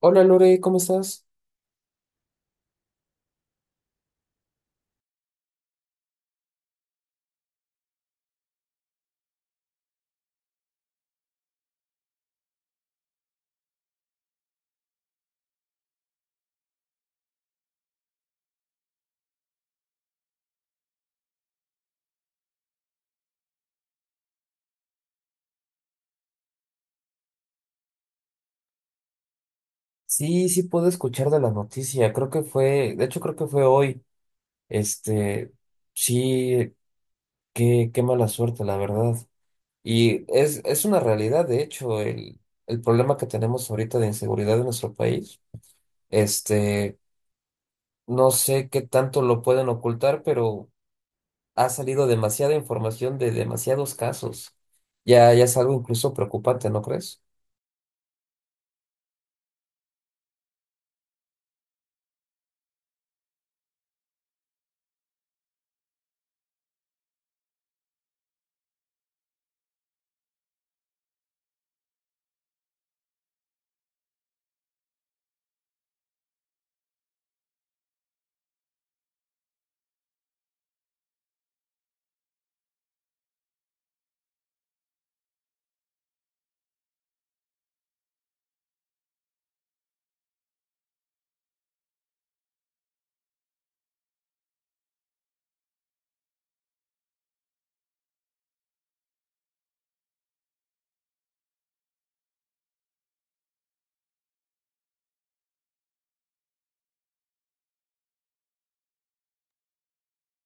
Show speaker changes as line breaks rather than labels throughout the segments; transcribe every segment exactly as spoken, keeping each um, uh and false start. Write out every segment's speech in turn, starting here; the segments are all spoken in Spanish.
Hola Lore, ¿cómo estás? Sí, sí puedo escuchar de la noticia. Creo que fue, de hecho creo que fue hoy. Este, sí, qué, qué mala suerte, la verdad. Y es, es una realidad, de hecho, el, el problema que tenemos ahorita de inseguridad en nuestro país. Este, no sé qué tanto lo pueden ocultar, pero ha salido demasiada información de demasiados casos. Ya, ya es algo incluso preocupante, ¿no crees?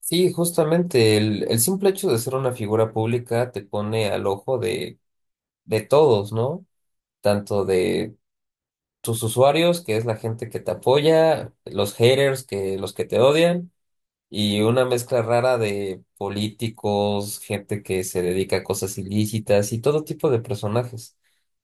Sí, justamente el, el simple hecho de ser una figura pública te pone al ojo de, de todos, ¿no? Tanto de tus usuarios, que es la gente que te apoya, los haters, que los que te odian, y una mezcla rara de políticos, gente que se dedica a cosas ilícitas y todo tipo de personajes.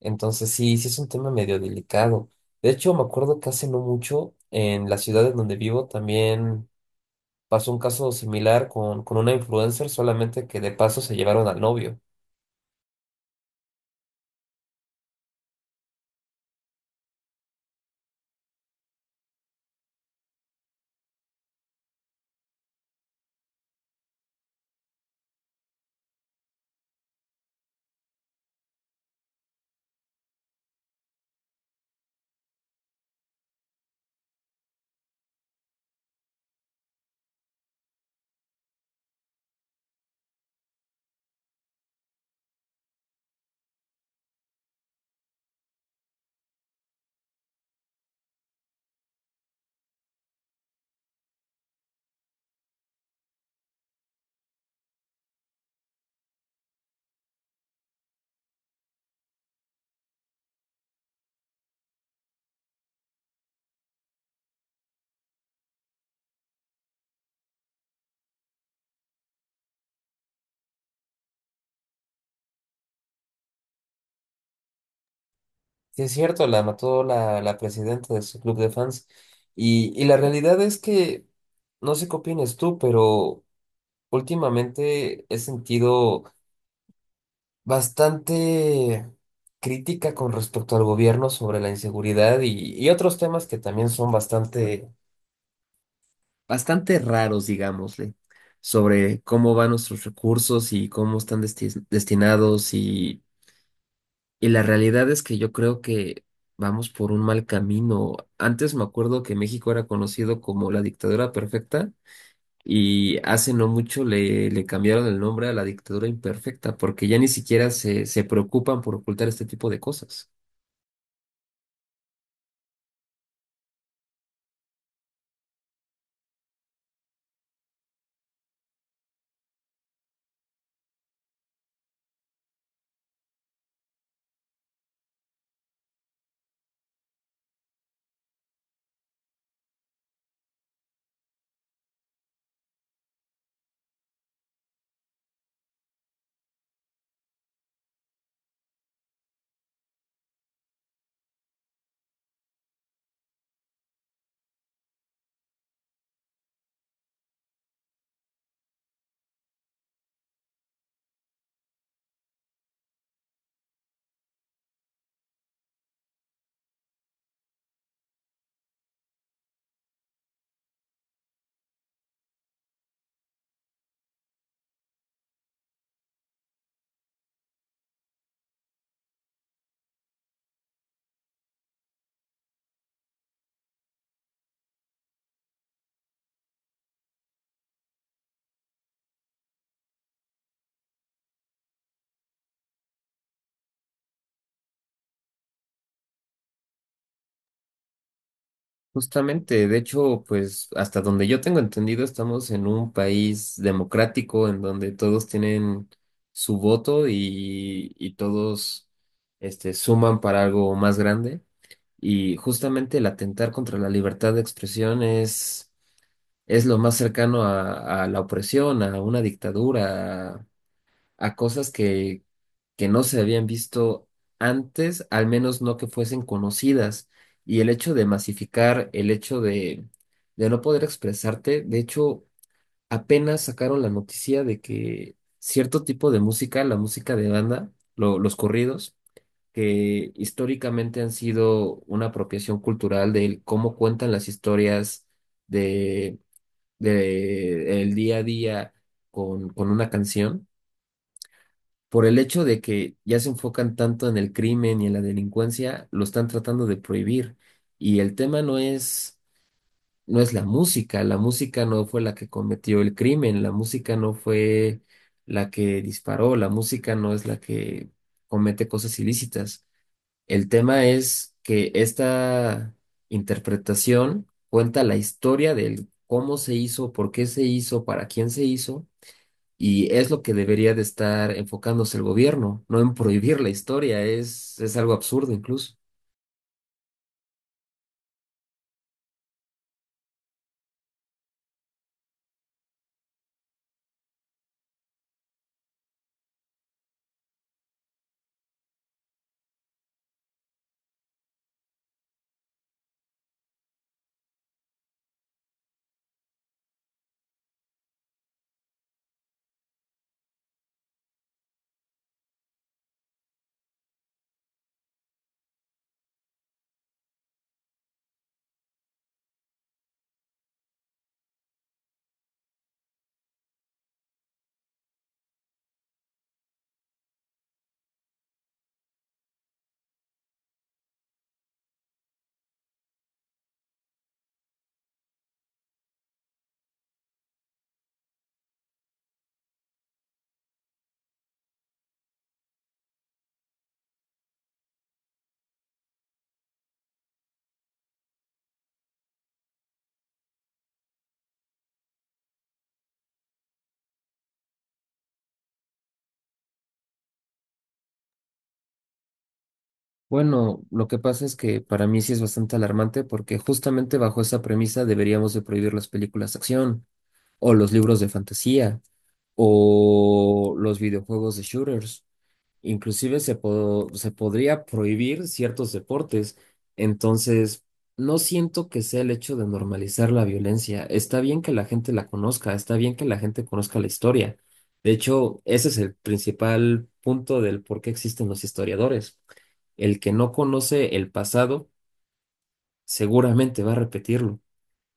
Entonces, sí, sí es un tema medio delicado. De hecho, me acuerdo que hace no mucho en la ciudad en donde vivo también pasó un caso similar con, con una influencer, solamente que de paso se llevaron al novio. Sí, es cierto, la mató la, la presidenta de su club de fans. Y, y la realidad es que, no sé qué opinas tú, pero últimamente he sentido bastante crítica con respecto al gobierno sobre la inseguridad y, y otros temas que también son bastante, bastante raros, digámosle, sobre cómo van nuestros recursos y cómo están desti- destinados. y Y la realidad es que yo creo que vamos por un mal camino. Antes me acuerdo que México era conocido como la dictadura perfecta y hace no mucho le, le cambiaron el nombre a la dictadura imperfecta porque ya ni siquiera se, se preocupan por ocultar este tipo de cosas. Justamente, de hecho, pues hasta donde yo tengo entendido, estamos en un país democrático en donde todos tienen su voto y, y todos este, suman para algo más grande. Y justamente el atentar contra la libertad de expresión es, es lo más cercano a, a la opresión, a una dictadura, a, a cosas que, que no se habían visto antes, al menos no que fuesen conocidas. Y el hecho de masificar, el hecho de, de no poder expresarte. De hecho, apenas sacaron la noticia de que cierto tipo de música, la música de banda, lo- los corridos, que históricamente han sido una apropiación cultural del cómo cuentan las historias de, de el día a día con, con una canción. Por el hecho de que ya se enfocan tanto en el crimen y en la delincuencia, lo están tratando de prohibir. Y el tema no es, no es la música, la música no fue la que cometió el crimen, la música no fue la que disparó, la música no es la que comete cosas ilícitas. El tema es que esta interpretación cuenta la historia del cómo se hizo, por qué se hizo, para quién se hizo, y es lo que debería de estar enfocándose el gobierno, no en prohibir la historia. Es, es algo absurdo incluso. Bueno, lo que pasa es que para mí sí es bastante alarmante, porque justamente bajo esa premisa deberíamos de prohibir las películas de acción, o los libros de fantasía, o los videojuegos de shooters. Inclusive se, po- se podría prohibir ciertos deportes. Entonces, no siento que sea el hecho de normalizar la violencia. Está bien que la gente la conozca, está bien que la gente conozca la historia. De hecho, ese es el principal punto del por qué existen los historiadores. El que no conoce el pasado seguramente va a repetirlo,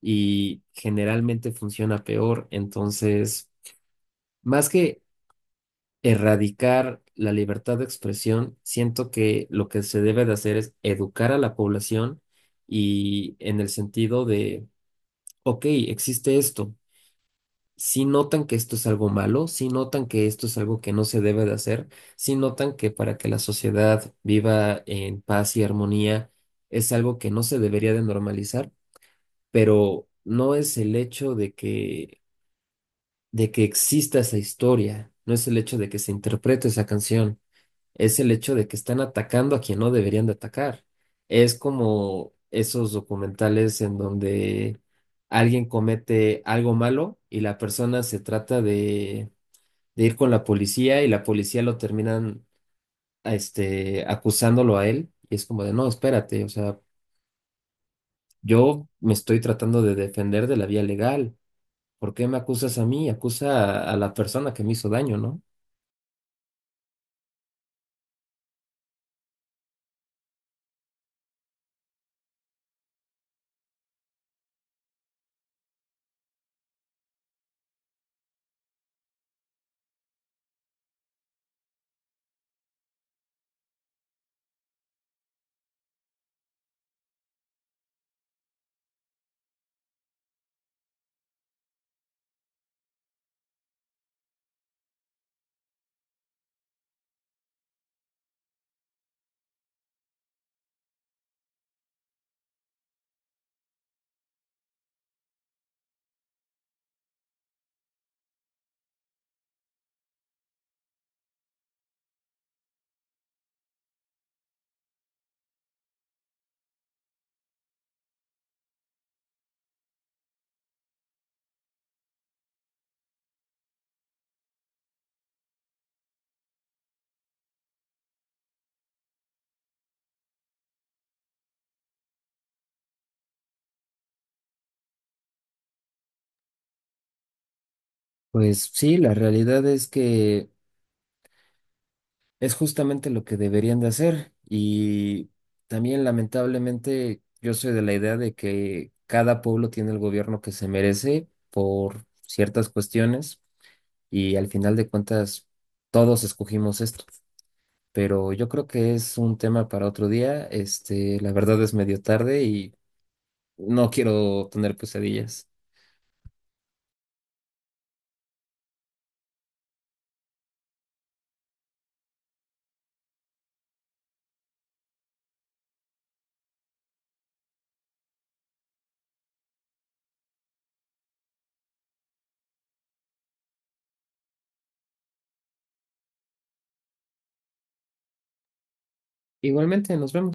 y generalmente funciona peor. Entonces, más que erradicar la libertad de expresión, siento que lo que se debe de hacer es educar a la población, y en el sentido de, ok, existe esto. Si notan que esto es algo malo, si notan que esto es algo que no se debe de hacer, si notan que para que la sociedad viva en paz y armonía es algo que no se debería de normalizar, pero no es el hecho de que, de que exista esa historia, no es el hecho de que se interprete esa canción, es el hecho de que están atacando a quien no deberían de atacar. Es como esos documentales en donde alguien comete algo malo y la persona se trata de, de ir con la policía, y la policía lo terminan a este, acusándolo a él. Y es como de, no, espérate, o sea, yo me estoy tratando de defender de la vía legal. ¿Por qué me acusas a mí? Acusa a a la persona que me hizo daño, ¿no? Pues sí, la realidad es que es justamente lo que deberían de hacer, y también lamentablemente yo soy de la idea de que cada pueblo tiene el gobierno que se merece por ciertas cuestiones, y al final de cuentas todos escogimos esto, pero yo creo que es un tema para otro día. Este, la verdad es medio tarde y no quiero tener pesadillas. Igualmente, nos vemos.